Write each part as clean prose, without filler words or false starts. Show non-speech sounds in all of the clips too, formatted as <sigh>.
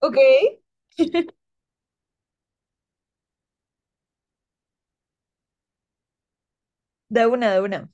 Ok. <laughs> da una, da una.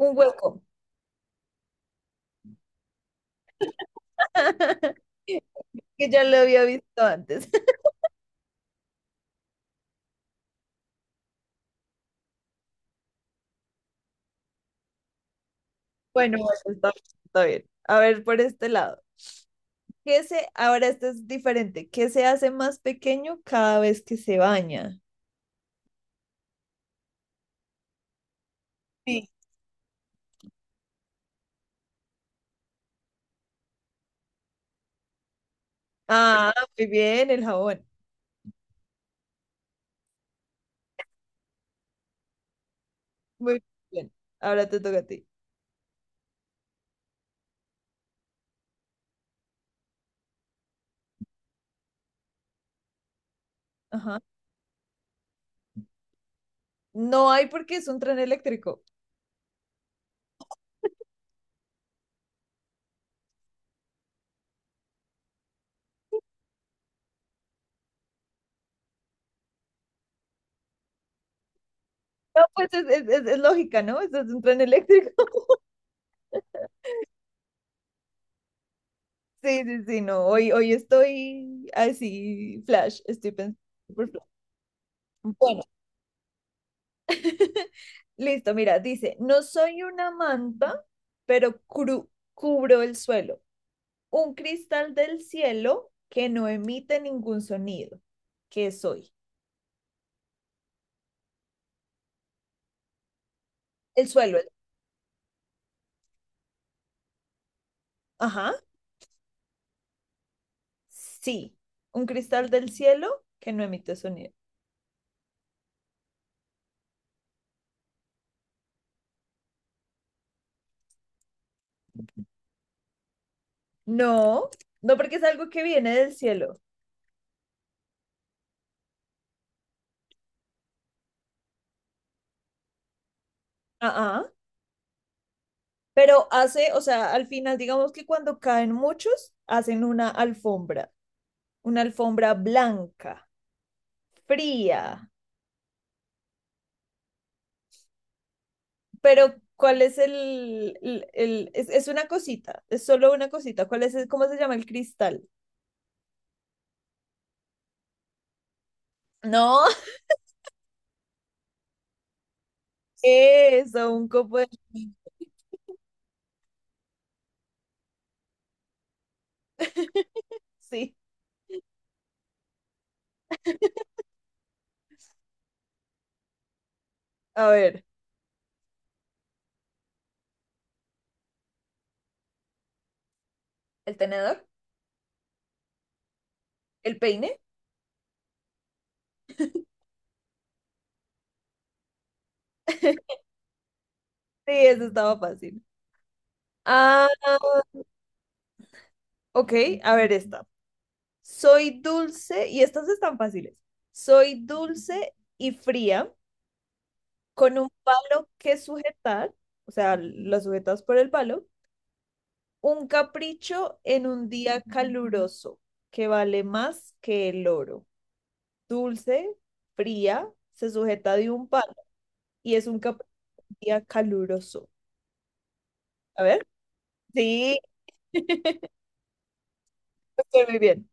Un hueco, <laughs> que ya lo había visto antes. <laughs> Bueno, bueno, está bien. A ver, por este lado. Ahora esto es diferente. ¿Qué se hace más pequeño cada vez que se baña? Sí. Ah, muy bien, el jabón. Muy bien. Ahora te toca a ti. Ajá. No hay porque es un tren eléctrico. No, pues es lógica, ¿no? Eso es un tren eléctrico. <laughs> Sí, sí, sí, no, hoy estoy así, flash, estoy pensando por flash. Bueno, <laughs> listo, mira, dice, no soy una manta, pero cubro el suelo, un cristal del cielo que no emite ningún sonido, ¿qué soy? El suelo, el- ajá, sí, un cristal del cielo que no emite sonido. No, no porque es algo que viene del cielo. Ah, ah. Pero hace, o sea, al final, digamos que cuando caen muchos, hacen una alfombra blanca, fría. Pero, ¿cuál es es una cosita, es solo una cosita. ¿Cómo se llama el cristal? No, <laughs> eso, un copo de... Sí, a ver, el tenedor, el peine. <laughs> Sí, eso estaba fácil. Ah, ok, a ver esta. Soy dulce, y estas están fáciles. Soy dulce y fría, con un palo que sujetar, o sea, lo sujetas por el palo, un capricho en un día caluroso que vale más que el oro. Dulce, fría, se sujeta de un palo y es un capricho en un día caluroso. A ver, sí, <laughs> estoy muy bien.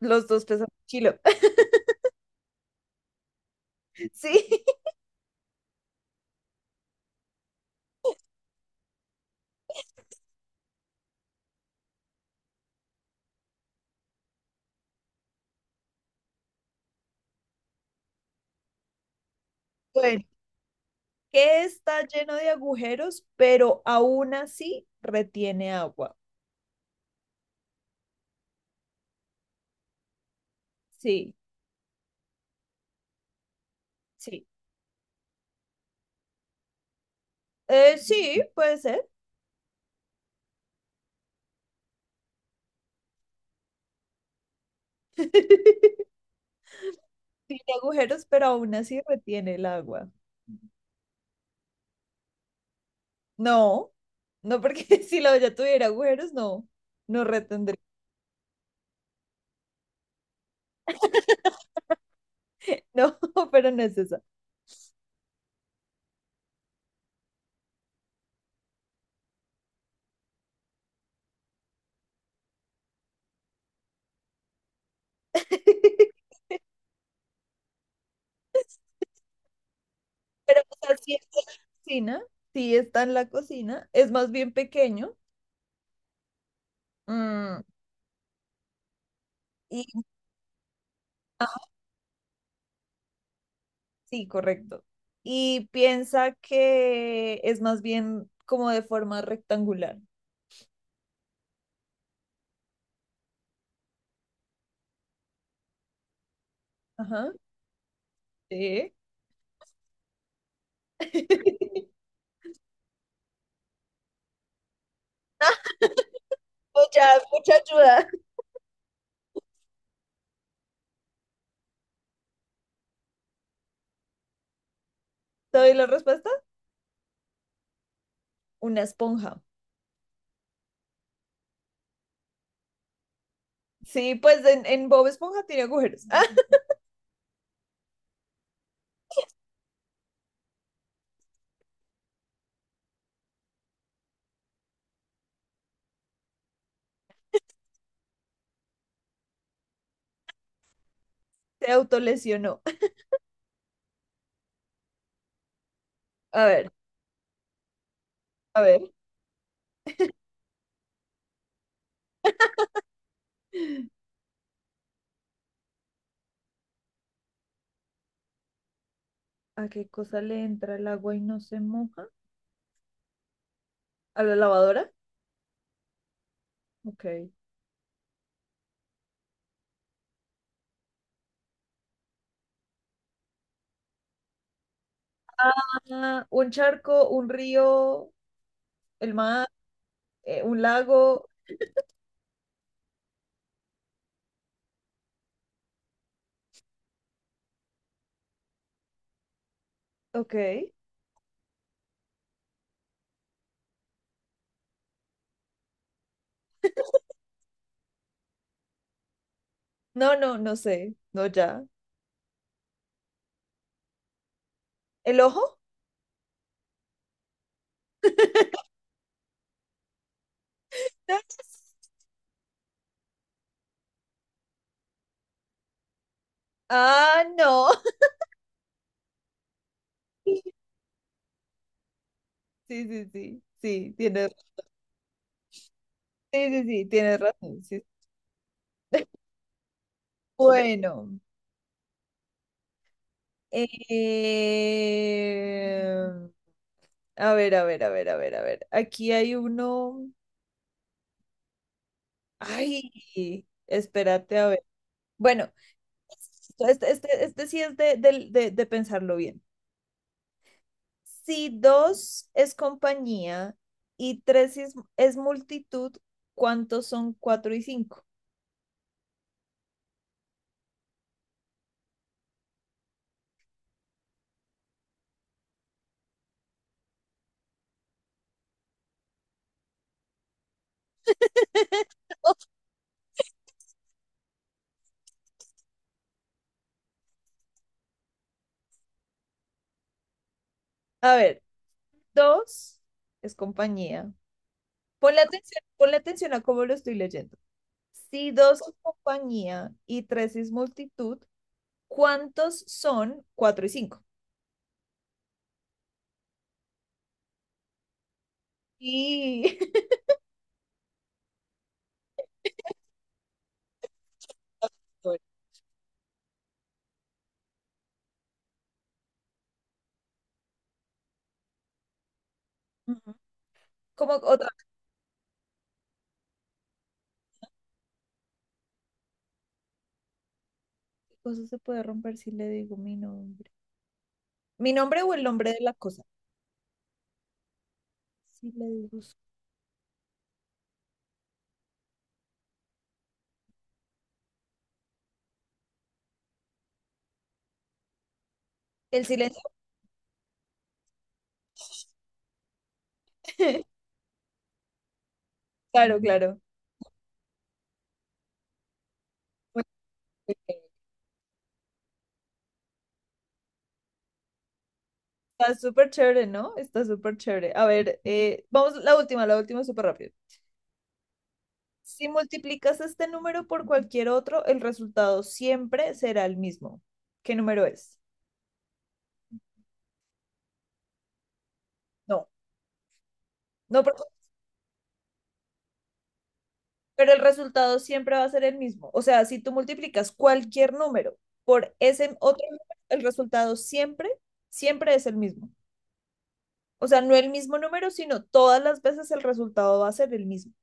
Los dos pesan un kilo. <laughs> Sí, bueno, que está lleno de agujeros, pero aún así retiene agua. Sí, sí. Sí, puede ser. <laughs> Tiene agujeros, pero aún así retiene el agua. No, no porque <laughs> si la olla tuviera agujeros, no, no retendría. No, <laughs> pero no es esa. <laughs> Pero o sea, sí está en la cocina, sí está en la cocina, es más bien pequeño. Mm, y sí, correcto. Y piensa que es más bien como de forma rectangular. Ajá. Sí. <laughs> Mucha, mucha ayuda. ¿Te doy la respuesta? Una esponja. Sí, pues en Bob Esponja tiene agujeros. <laughs> ¡Ah! Se autolesionó. A ver, a ver. ¿A qué cosa le entra el agua y no se moja? ¿A la lavadora? Ok. Ah, un charco, un río, el mar, un lago. Ok. No, no, no sé. No, ya. ¿El ojo? No, <laughs> no. Ah, no. <laughs> Sí, sí, sí. Sí, sí, sí, tienes razón. Sí. Bueno. Eh, a ver, a ver, a ver, a ver, a ver. Aquí hay uno. Ay, espérate a ver. Bueno, este sí es de pensarlo bien. Si dos es compañía y tres es multitud, ¿cuántos son cuatro y cinco? A ver, dos es compañía. Ponle atención a cómo lo estoy leyendo. Si dos es compañía y tres es multitud, ¿cuántos son cuatro y cinco? Y... <laughs> Ujú. Como otra cosa se puede romper si le digo mi nombre. Mi nombre o el nombre de la cosa. Si le digo su- el silencio. <laughs> Claro, claro. Muy bien. Está súper chévere, ¿no? Está súper chévere. A ver, vamos, la última súper rápido. Si multiplicas este número por cualquier otro, el resultado siempre será el mismo. ¿Qué número es? No, no, porque pero el resultado siempre va a ser el mismo. O sea, si tú multiplicas cualquier número por ese otro número, el resultado siempre, siempre es el mismo. O sea, no el mismo número, sino todas las veces el resultado va a ser el mismo,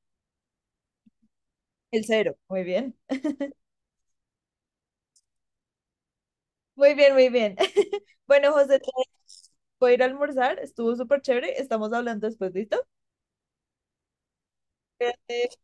el cero. Muy bien, muy bien, muy bien. <laughs> Bueno, José, te voy a ir a almorzar, estuvo súper chévere, estamos hablando después, ¿listo? Cuídate.